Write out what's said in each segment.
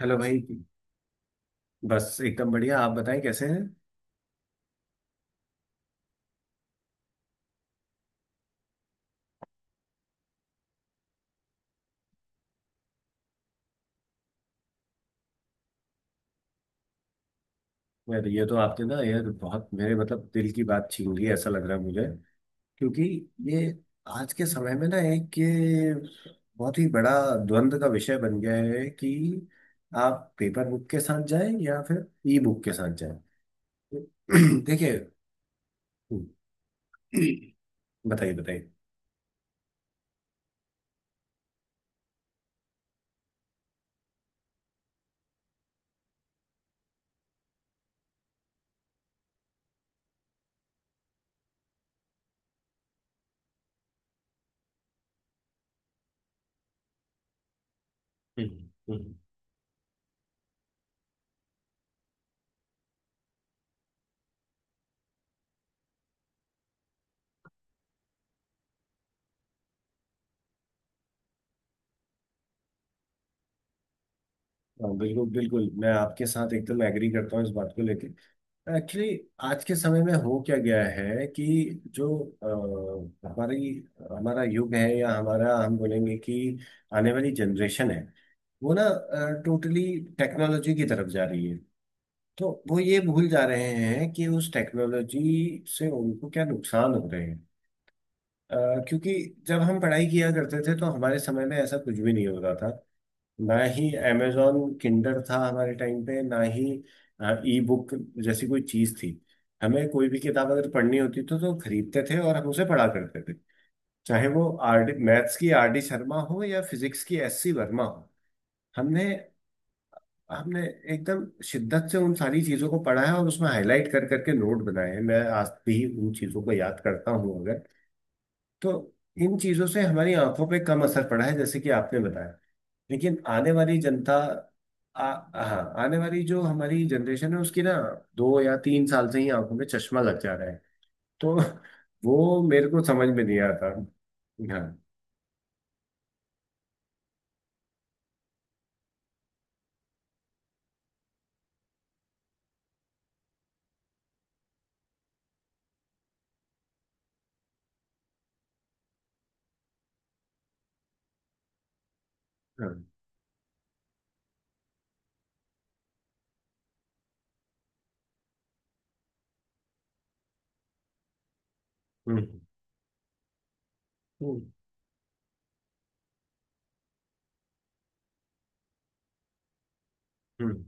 Hello भाई। बस एकदम बढ़िया। आप बताएं कैसे हैं। यार ये तो आपने ना यार बहुत मेरे मतलब दिल की बात छीन ली। ऐसा लग रहा है मुझे। क्योंकि ये आज के समय में ना एक ये बहुत ही बड़ा द्वंद का विषय बन गया है कि आप पेपर बुक के साथ जाएं या फिर ई बुक के साथ जाएं। देखिए। बताइए बताइए। हम्म। हम्म। हाँ, बिल्कुल बिल्कुल मैं आपके साथ एकदम एग्री करता हूँ इस बात को लेके। एक्चुअली आज के समय में हो क्या गया है कि जो अ, हमारी हमारा युग है या हमारा हम बोलेंगे कि आने वाली जनरेशन है। वो ना टोटली टेक्नोलॉजी की तरफ जा रही है। तो वो ये भूल जा रहे हैं कि उस टेक्नोलॉजी से उनको क्या नुकसान हो रहे हैं। अ, क्योंकि जब हम पढ़ाई किया करते थे तो हमारे समय में ऐसा कुछ भी नहीं होता था। ना ही अमेजॉन किंडर था हमारे टाइम पे, ना ही ई बुक जैसी कोई चीज थी। हमें कोई भी किताब अगर पढ़नी होती थी तो खरीदते थे और हम उसे पढ़ा करते थे, चाहे वो आर डी मैथ्स की आर डी शर्मा हो या फिजिक्स की एस सी वर्मा हो। हमने हमने एकदम शिद्दत से उन सारी चीजों को पढ़ा है और उसमें हाईलाइट कर करके नोट बनाए हैं। मैं आज भी उन चीजों को याद करता हूँ। अगर तो इन चीजों से हमारी आंखों पे कम असर पड़ा है जैसे कि आपने बताया। लेकिन आने वाली जनता, आ, हाँ, आने वाली जो हमारी जनरेशन है उसकी ना 2 या 3 साल से ही आंखों में चश्मा लग जा रहा है। तो वो मेरे को समझ में नहीं आता। हाँ। हाँ। हम्म। हम्म। हम्म।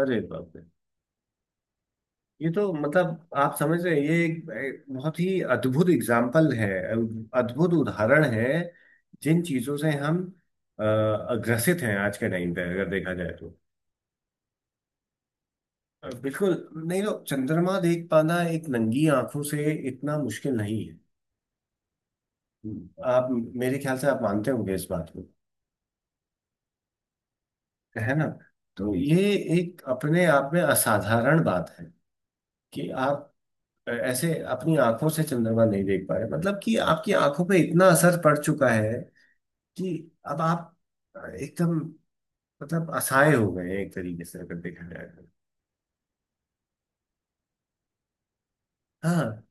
अरे बाप रे। ये तो मतलब आप समझ रहे हैं, ये एक बहुत ही अद्भुत एग्जाम्पल है। अद्भुत उदाहरण है। जिन चीजों से हम ग्रसित हैं आज के टाइम पे अगर देखा जाए तो। बिल्कुल। नहीं तो चंद्रमा देख पाना एक नंगी आंखों से इतना मुश्किल नहीं है। हम्म। आप, मेरे ख्याल से आप मानते होंगे इस बात को, है ना। तो ये एक अपने आप में असाधारण बात है कि आप ऐसे अपनी आंखों से चंद्रमा नहीं देख पा रहे, मतलब कि आपकी आंखों पे इतना असर पड़ चुका है कि अब आप एकदम मतलब असहाय हो गए हैं एक तरीके से अगर देखा जाए तो। हाँ,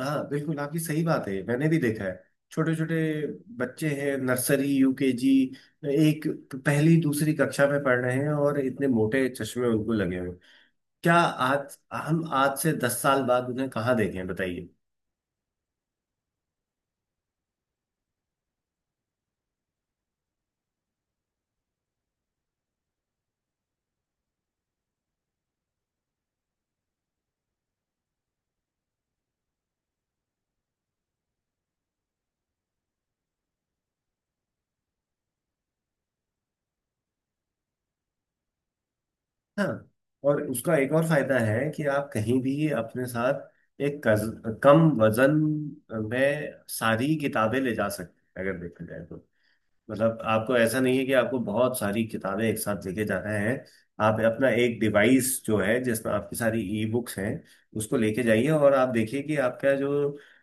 हाँ बिल्कुल आपकी सही बात है, मैंने भी देखा है। छोटे छोटे बच्चे हैं, नर्सरी यूकेजी, एक पहली दूसरी कक्षा में पढ़ रहे हैं और इतने मोटे चश्मे उनको लगे हुए हैं। क्या आज हम आज से 10 साल बाद उन्हें कहाँ देखें बताइए। हाँ। और उसका एक और फायदा है कि आप कहीं भी अपने साथ एक कम वजन में सारी किताबें ले जा सकते हैं, अगर देखा जाए तो। मतलब आपको ऐसा नहीं है कि आपको बहुत सारी किताबें एक साथ लेके जाना है। आप अपना एक डिवाइस जो है जिसमें आपकी सारी ई बुक्स हैं उसको लेके जाइए और आप देखिए कि आपका जो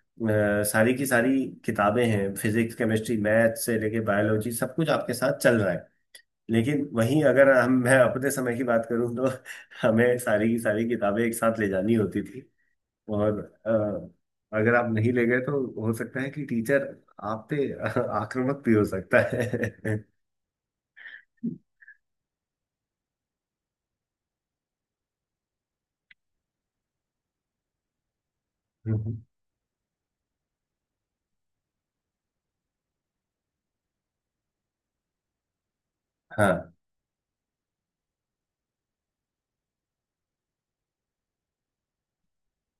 सारी की सारी किताबें हैं फिजिक्स केमिस्ट्री मैथ से लेके बायोलॉजी सब कुछ आपके साथ चल रहा है। लेकिन वहीं अगर हम मैं अपने समय की बात करूं तो हमें सारी की सारी किताबें एक साथ ले जानी होती थी। और अगर आप नहीं ले गए तो हो सकता है कि टीचर आप पे आक्रामक भी हो सकता है। हम्म। हाँ,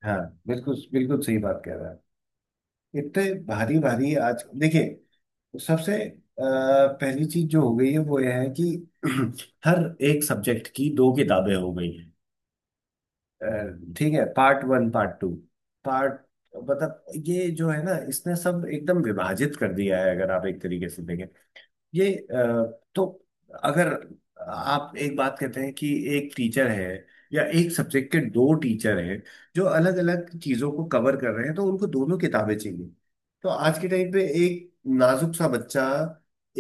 हाँ बिल्कुल बिल्कुल सही बात कह रहा है। इतने भारी भारी आज देखिए सबसे पहली चीज जो हो गई है वो यह है कि हर एक सब्जेक्ट की दो किताबें हो गई हैं। ठीक है, पार्ट 1 पार्ट 2 पार्ट। मतलब ये जो है ना इसने सब एकदम विभाजित कर दिया है अगर आप एक तरीके से देखें। ये तो अगर आप एक बात कहते हैं कि एक टीचर है या एक सब्जेक्ट के दो टीचर हैं जो अलग अलग चीजों को कवर कर रहे हैं तो उनको दोनों किताबें चाहिए। तो आज के टाइम पे एक नाजुक सा बच्चा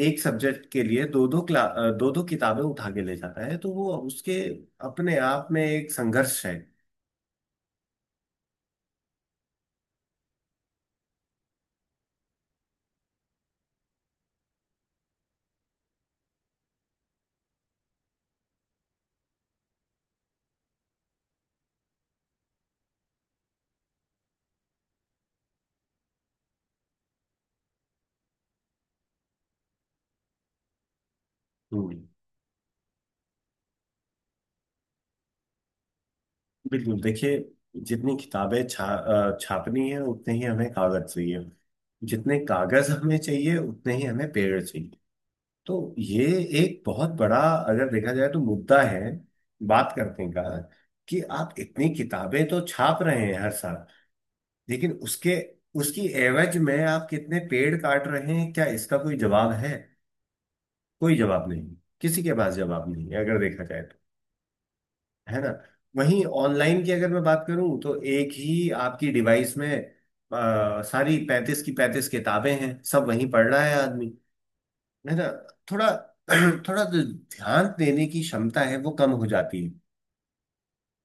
एक सब्जेक्ट के लिए दो दो क्ला दो दो किताबें उठा के ले जाता है तो वो उसके अपने आप में एक संघर्ष है। हम्म। बिल्कुल। देखिए जितनी किताबें छापनी है उतने ही हमें कागज चाहिए। जितने कागज हमें चाहिए उतने ही हमें पेड़ चाहिए। तो ये एक बहुत बड़ा, अगर देखा जाए तो, मुद्दा है बात करने का कि आप इतनी किताबें तो छाप रहे हैं हर साल, लेकिन उसके उसकी एवज में आप कितने पेड़ काट रहे हैं, क्या इसका कोई जवाब है। कोई जवाब नहीं। किसी के पास जवाब नहीं है अगर देखा जाए तो। है ना। वहीं ऑनलाइन की अगर मैं बात करूं तो एक ही आपकी डिवाइस में सारी 35 की 35 किताबें हैं, सब वहीं पढ़ रहा है आदमी। है ना। थोड़ा थोड़ा जो ध्यान देने की क्षमता है वो कम हो जाती है।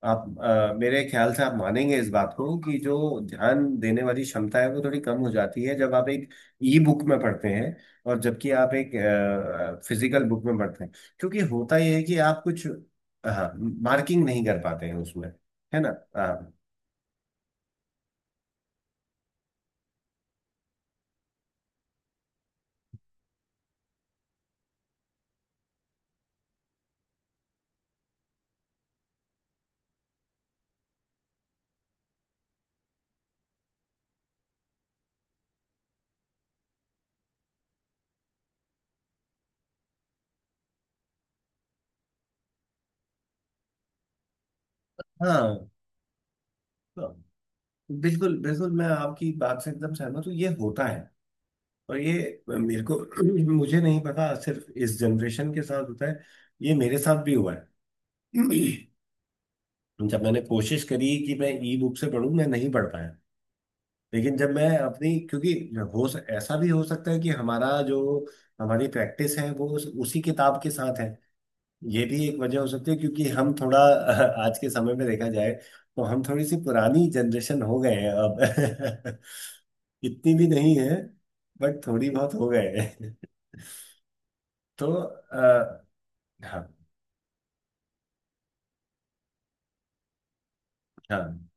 आप, मेरे ख्याल से आप मानेंगे इस बात को कि जो ध्यान देने वाली क्षमता है वो थोड़ी कम हो जाती है जब आप एक ई बुक में पढ़ते हैं। और जबकि आप एक फिजिकल बुक में पढ़ते हैं, क्योंकि होता यह है कि आप कुछ, हाँ, मार्किंग नहीं कर पाते हैं उसमें, है ना। हाँ। हाँ। तो बिल्कुल बिल्कुल मैं आपकी बात से एकदम सहमत हूँ, ये होता है। और ये मेरे को मुझे नहीं पता, सिर्फ इस जनरेशन के साथ होता है ये, मेरे साथ भी हुआ है। जब मैंने कोशिश करी कि मैं ई बुक से पढूं, मैं नहीं पढ़ पाया। लेकिन जब मैं अपनी, क्योंकि ऐसा भी हो सकता है कि हमारा जो हमारी प्रैक्टिस है वो उसी किताब के साथ है। ये भी एक वजह हो सकती है, क्योंकि हम थोड़ा आज के समय में देखा जाए तो हम थोड़ी सी पुरानी जनरेशन हो गए हैं अब। इतनी भी नहीं है, बट थोड़ी बहुत हो गए हैं। तो हाँ, हाँ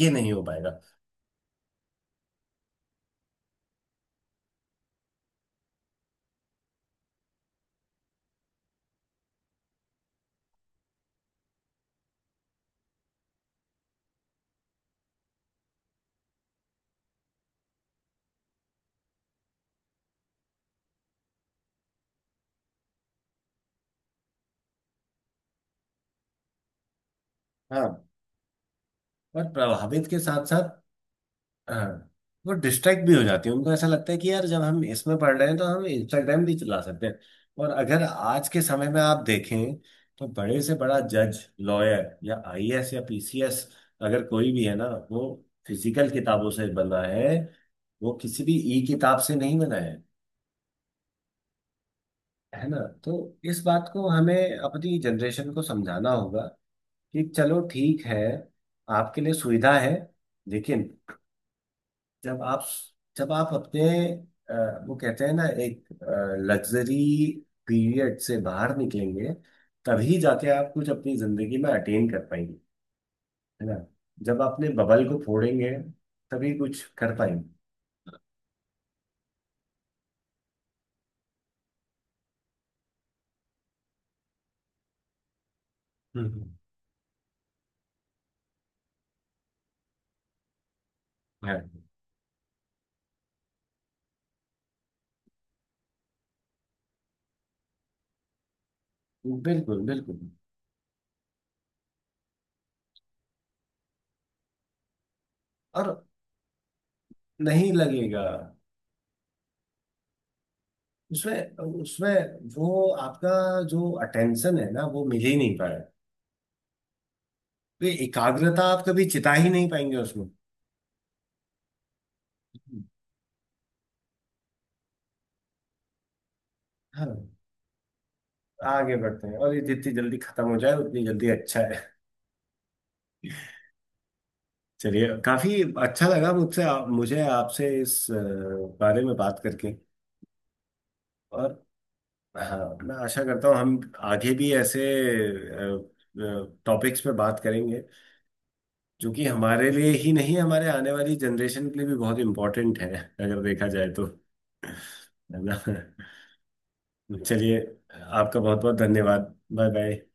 ये नहीं हो पाएगा। हाँ। और प्रभावित के साथ साथ, हाँ, वो डिस्ट्रैक्ट भी हो जाती है। उनको ऐसा लगता है कि यार जब हम इसमें पढ़ रहे हैं तो हम इंस्टाग्राम भी चला सकते हैं। और अगर आज के समय में आप देखें तो बड़े से बड़ा जज लॉयर या आईएएस या पीसीएस, अगर कोई भी है ना, वो फिजिकल किताबों से बना है। वो किसी भी ई किताब से नहीं बना है ना। तो इस बात को हमें अपनी जनरेशन को समझाना होगा कि चलो ठीक है, आपके लिए सुविधा है, लेकिन जब आप, जब आप अपने अ, वो कहते हैं ना एक लग्जरी पीरियड से बाहर निकलेंगे तभी जाके आप कुछ अपनी जिंदगी में अटेन कर पाएंगे, है ना। जब आपने बबल को फोड़ेंगे तभी कुछ कर पाएंगे। हम्म। है। बिल्कुल। बिल्कुल। और नहीं लगेगा उसमें उसमें वो आपका जो अटेंशन है ना वो मिल ही नहीं पाएगा। तो ये एकाग्रता आप कभी चिता ही नहीं पाएंगे उसमें। हाँ, आगे बढ़ते हैं और ये जितनी जल्दी खत्म हो जाए उतनी जल्दी अच्छा है। चलिए काफी अच्छा लगा, मुझे आपसे इस बारे में बात करके। और हाँ, मैं आशा करता हूँ हम आगे भी ऐसे टॉपिक्स पे बात करेंगे जो कि हमारे लिए ही नहीं हमारे आने वाली जनरेशन के लिए भी बहुत इम्पोर्टेंट है, अगर देखा जाए तो, है ना। चलिए, आपका बहुत बहुत धन्यवाद। Bye bye.